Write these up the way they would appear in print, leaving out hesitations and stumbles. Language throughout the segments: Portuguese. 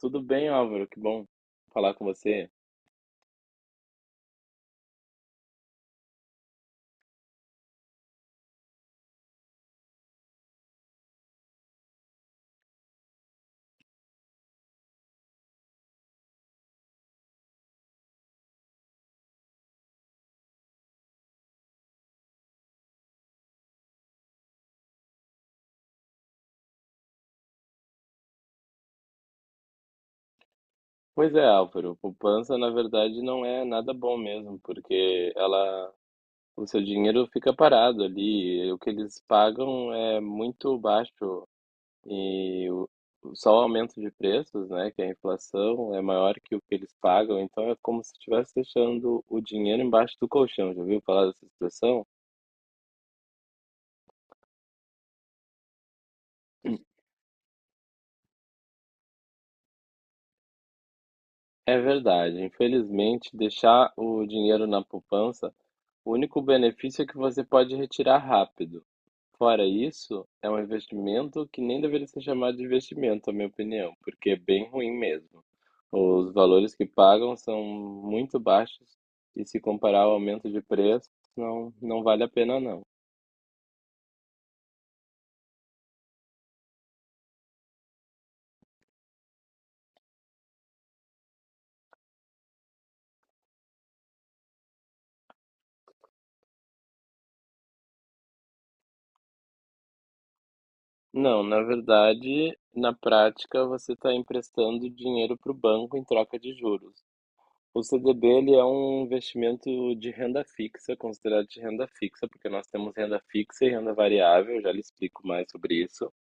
Tudo bem, Álvaro? Que bom falar com você. Pois é, Álvaro, poupança na verdade não é nada bom mesmo, porque ela, o seu dinheiro fica parado ali, e o que eles pagam é muito baixo e o- só o aumento de preços, né, que a inflação é maior que o que eles pagam, então é como se estivesse deixando o dinheiro embaixo do colchão. Já ouviu falar dessa expressão? É verdade, infelizmente deixar o dinheiro na poupança... O único benefício é que você pode retirar rápido. Fora isso, é um investimento que nem deveria ser chamado de investimento, na minha opinião, porque é bem ruim mesmo. Os valores que pagam são muito baixos e se comparar ao aumento de preço, não vale a pena não. Não, na verdade, na prática, você está emprestando dinheiro para o banco em troca de juros. O CDB ele é um investimento de renda fixa, considerado de renda fixa, porque nós temos renda fixa e renda variável, já lhe explico mais sobre isso.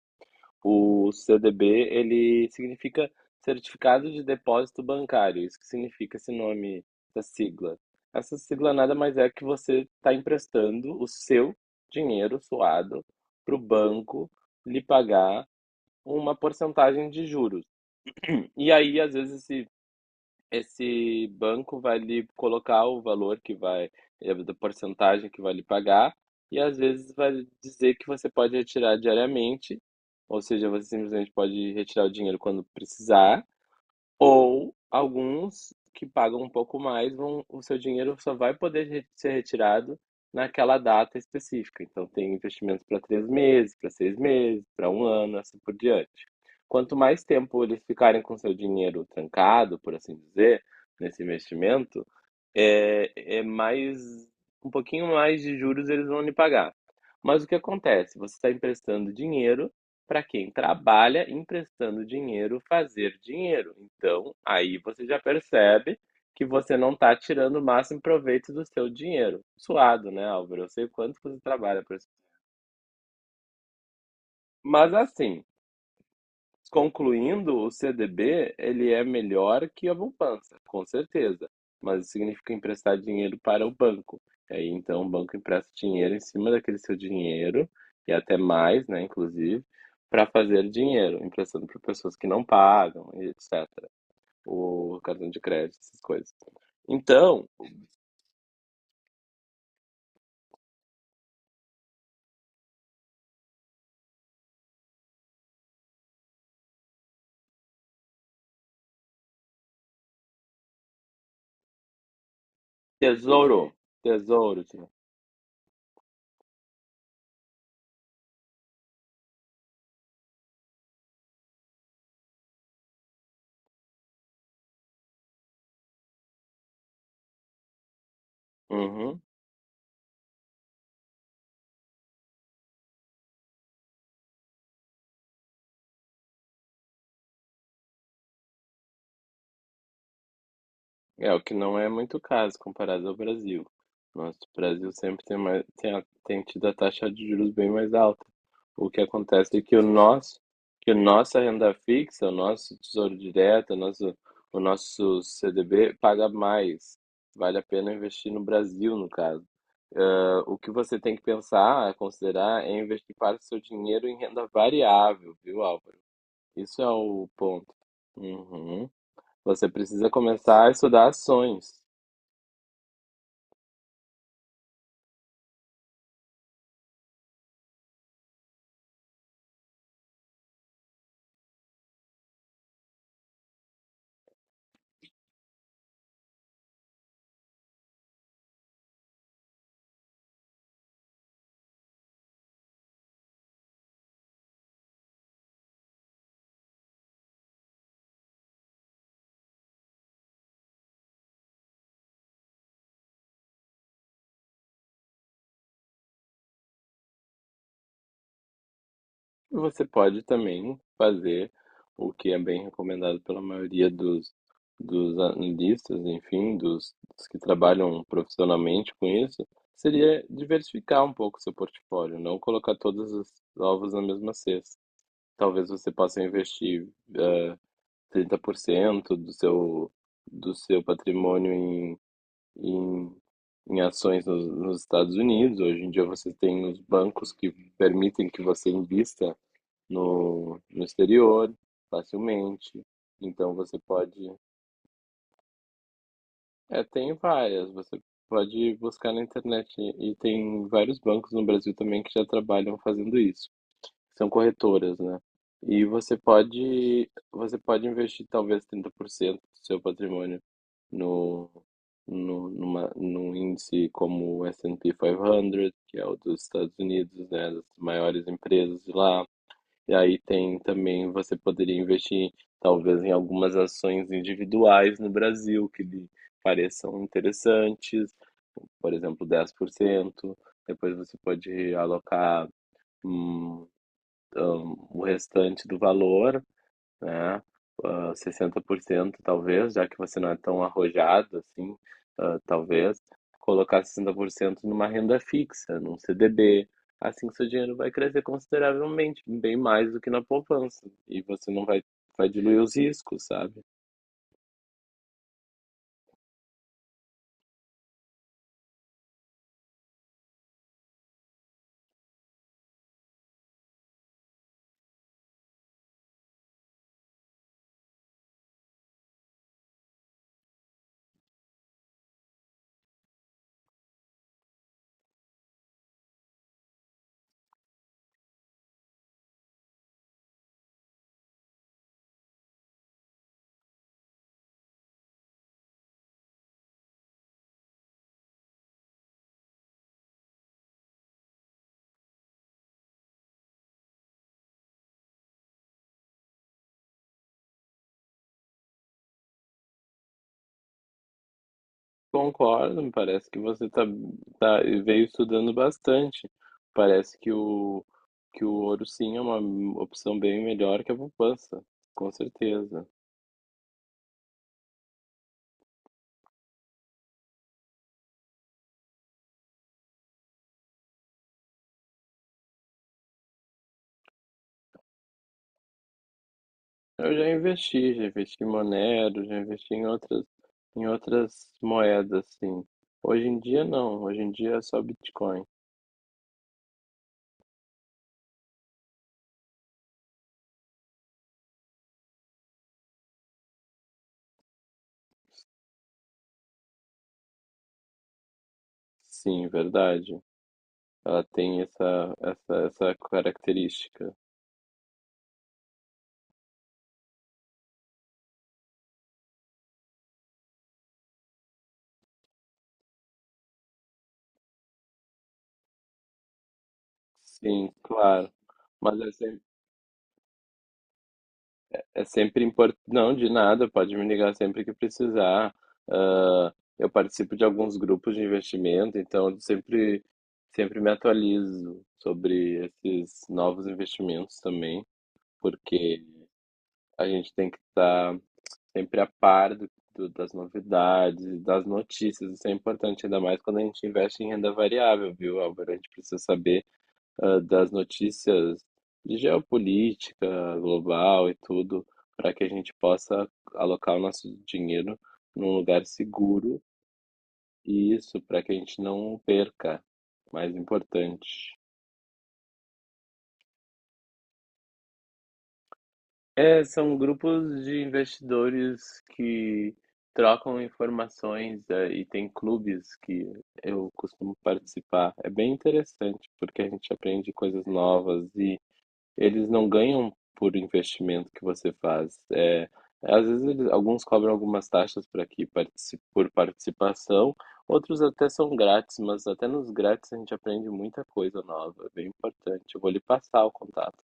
O CDB ele significa Certificado de Depósito Bancário, isso que significa esse nome, essa sigla. Essa sigla nada mais é que você está emprestando o seu dinheiro suado para o banco lhe pagar uma porcentagem de juros. E aí, às vezes, esse banco vai lhe colocar o valor que vai, da porcentagem que vai lhe pagar, e às vezes vai dizer que você pode retirar diariamente, ou seja, você simplesmente pode retirar o dinheiro quando precisar, ou alguns que pagam um pouco mais, vão, o seu dinheiro só vai poder ser retirado naquela data específica. Então, tem investimentos para três meses, para seis meses, para um ano, assim por diante. Quanto mais tempo eles ficarem com seu dinheiro trancado, por assim dizer, nesse investimento, é, é mais, um pouquinho mais de juros eles vão lhe pagar. Mas o que acontece? Você está emprestando dinheiro para quem trabalha emprestando dinheiro fazer dinheiro. Então, aí você já percebe que você não está tirando o máximo proveito do seu dinheiro. Suado, né, Álvaro? Eu sei o quanto você trabalha por isso. Mas assim, concluindo, o CDB ele é melhor que a poupança, com certeza, mas isso significa emprestar dinheiro para o banco. E aí, então, o banco empresta dinheiro em cima daquele seu dinheiro, e até mais, né, inclusive, para fazer dinheiro, emprestando para pessoas que não pagam, e etc. O cartão de crédito, essas coisas. Então, tesouro, tesouro, tia. Uhum. É, o que não é muito caso comparado ao Brasil. Nosso Brasil sempre tem, mais, tem, tem tido a taxa de juros bem mais alta. O que acontece é que que a nossa renda fixa, o nosso Tesouro Direto, o nosso CDB paga mais. Vale a pena investir no Brasil, no caso. Ah, o que você tem que pensar, considerar, é investir parte do seu dinheiro em renda variável, viu, Álvaro? Isso é o ponto. Uhum. Você precisa começar a estudar ações. Você pode também fazer o que é bem recomendado pela maioria dos analistas, enfim, dos que trabalham profissionalmente com isso, seria diversificar um pouco o seu portfólio, não colocar todos os ovos na mesma cesta. Talvez você possa investir eh, 30% do seu patrimônio em, em ações nos Estados Unidos. Hoje em dia você tem os bancos que permitem que você invista no exterior facilmente. Então você pode. É, tem várias. Você pode buscar na internet. E tem vários bancos no Brasil também que já trabalham fazendo isso. São corretoras, né? E você pode investir talvez 30% do seu patrimônio no, no, numa, num índice como o S&P 500, que é o dos Estados Unidos, né, das maiores empresas de lá. E aí tem também, você poderia investir talvez em algumas ações individuais no Brasil que lhe pareçam interessantes, por exemplo, dez por cento. Depois você pode alocar hum, o restante do valor, né? Ah, 60% talvez, já que você não é tão arrojado assim, ah, talvez, colocar 60% numa renda fixa, num CDB. Assim seu dinheiro vai crescer consideravelmente, bem mais do que na poupança. E você não vai, vai diluir os riscos, sabe? Concordo, me parece que você tá, veio estudando bastante. Parece que que o ouro sim é uma opção bem melhor que a poupança, com certeza. Eu já investi em Monero, já investi em outras moedas, sim. Hoje em dia não, hoje em dia é só Bitcoin. Sim, verdade. Ela tem essa característica. Sim, claro. Mas é sempre, é sempre importante. Não, de nada, pode me ligar sempre que precisar. Ah, eu participo de alguns grupos de investimento, então eu sempre me atualizo sobre esses novos investimentos também, porque a gente tem que estar sempre a par das novidades, das notícias. Isso é importante, ainda mais quando a gente investe em renda variável, viu, Álvaro? A gente precisa saber, ah, das notícias de geopolítica global e tudo, para que a gente possa alocar o nosso dinheiro num lugar seguro e isso para que a gente não perca. Mais importante. É, são grupos de investidores que trocam informações, e tem clubes que eu costumo participar. É bem interessante, porque a gente aprende coisas novas e eles não ganham por investimento que você faz. É, alguns cobram algumas taxas para que por participação, outros até são grátis, mas até nos grátis a gente aprende muita coisa nova, é bem importante. Eu vou lhe passar o contato.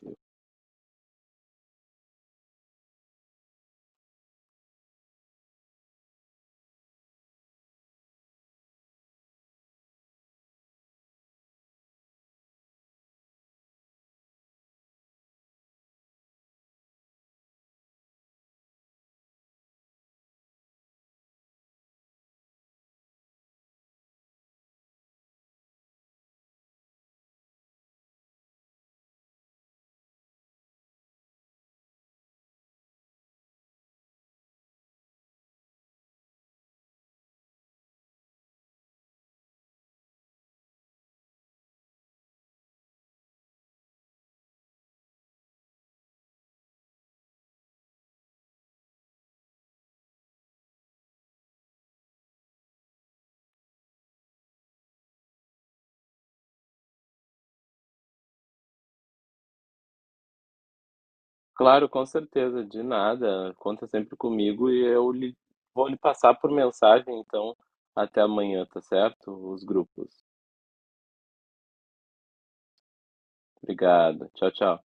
Claro, com certeza, de nada. Conta sempre comigo e vou lhe passar por mensagem, então, até amanhã, tá certo? Os grupos. Obrigado. Tchau, tchau.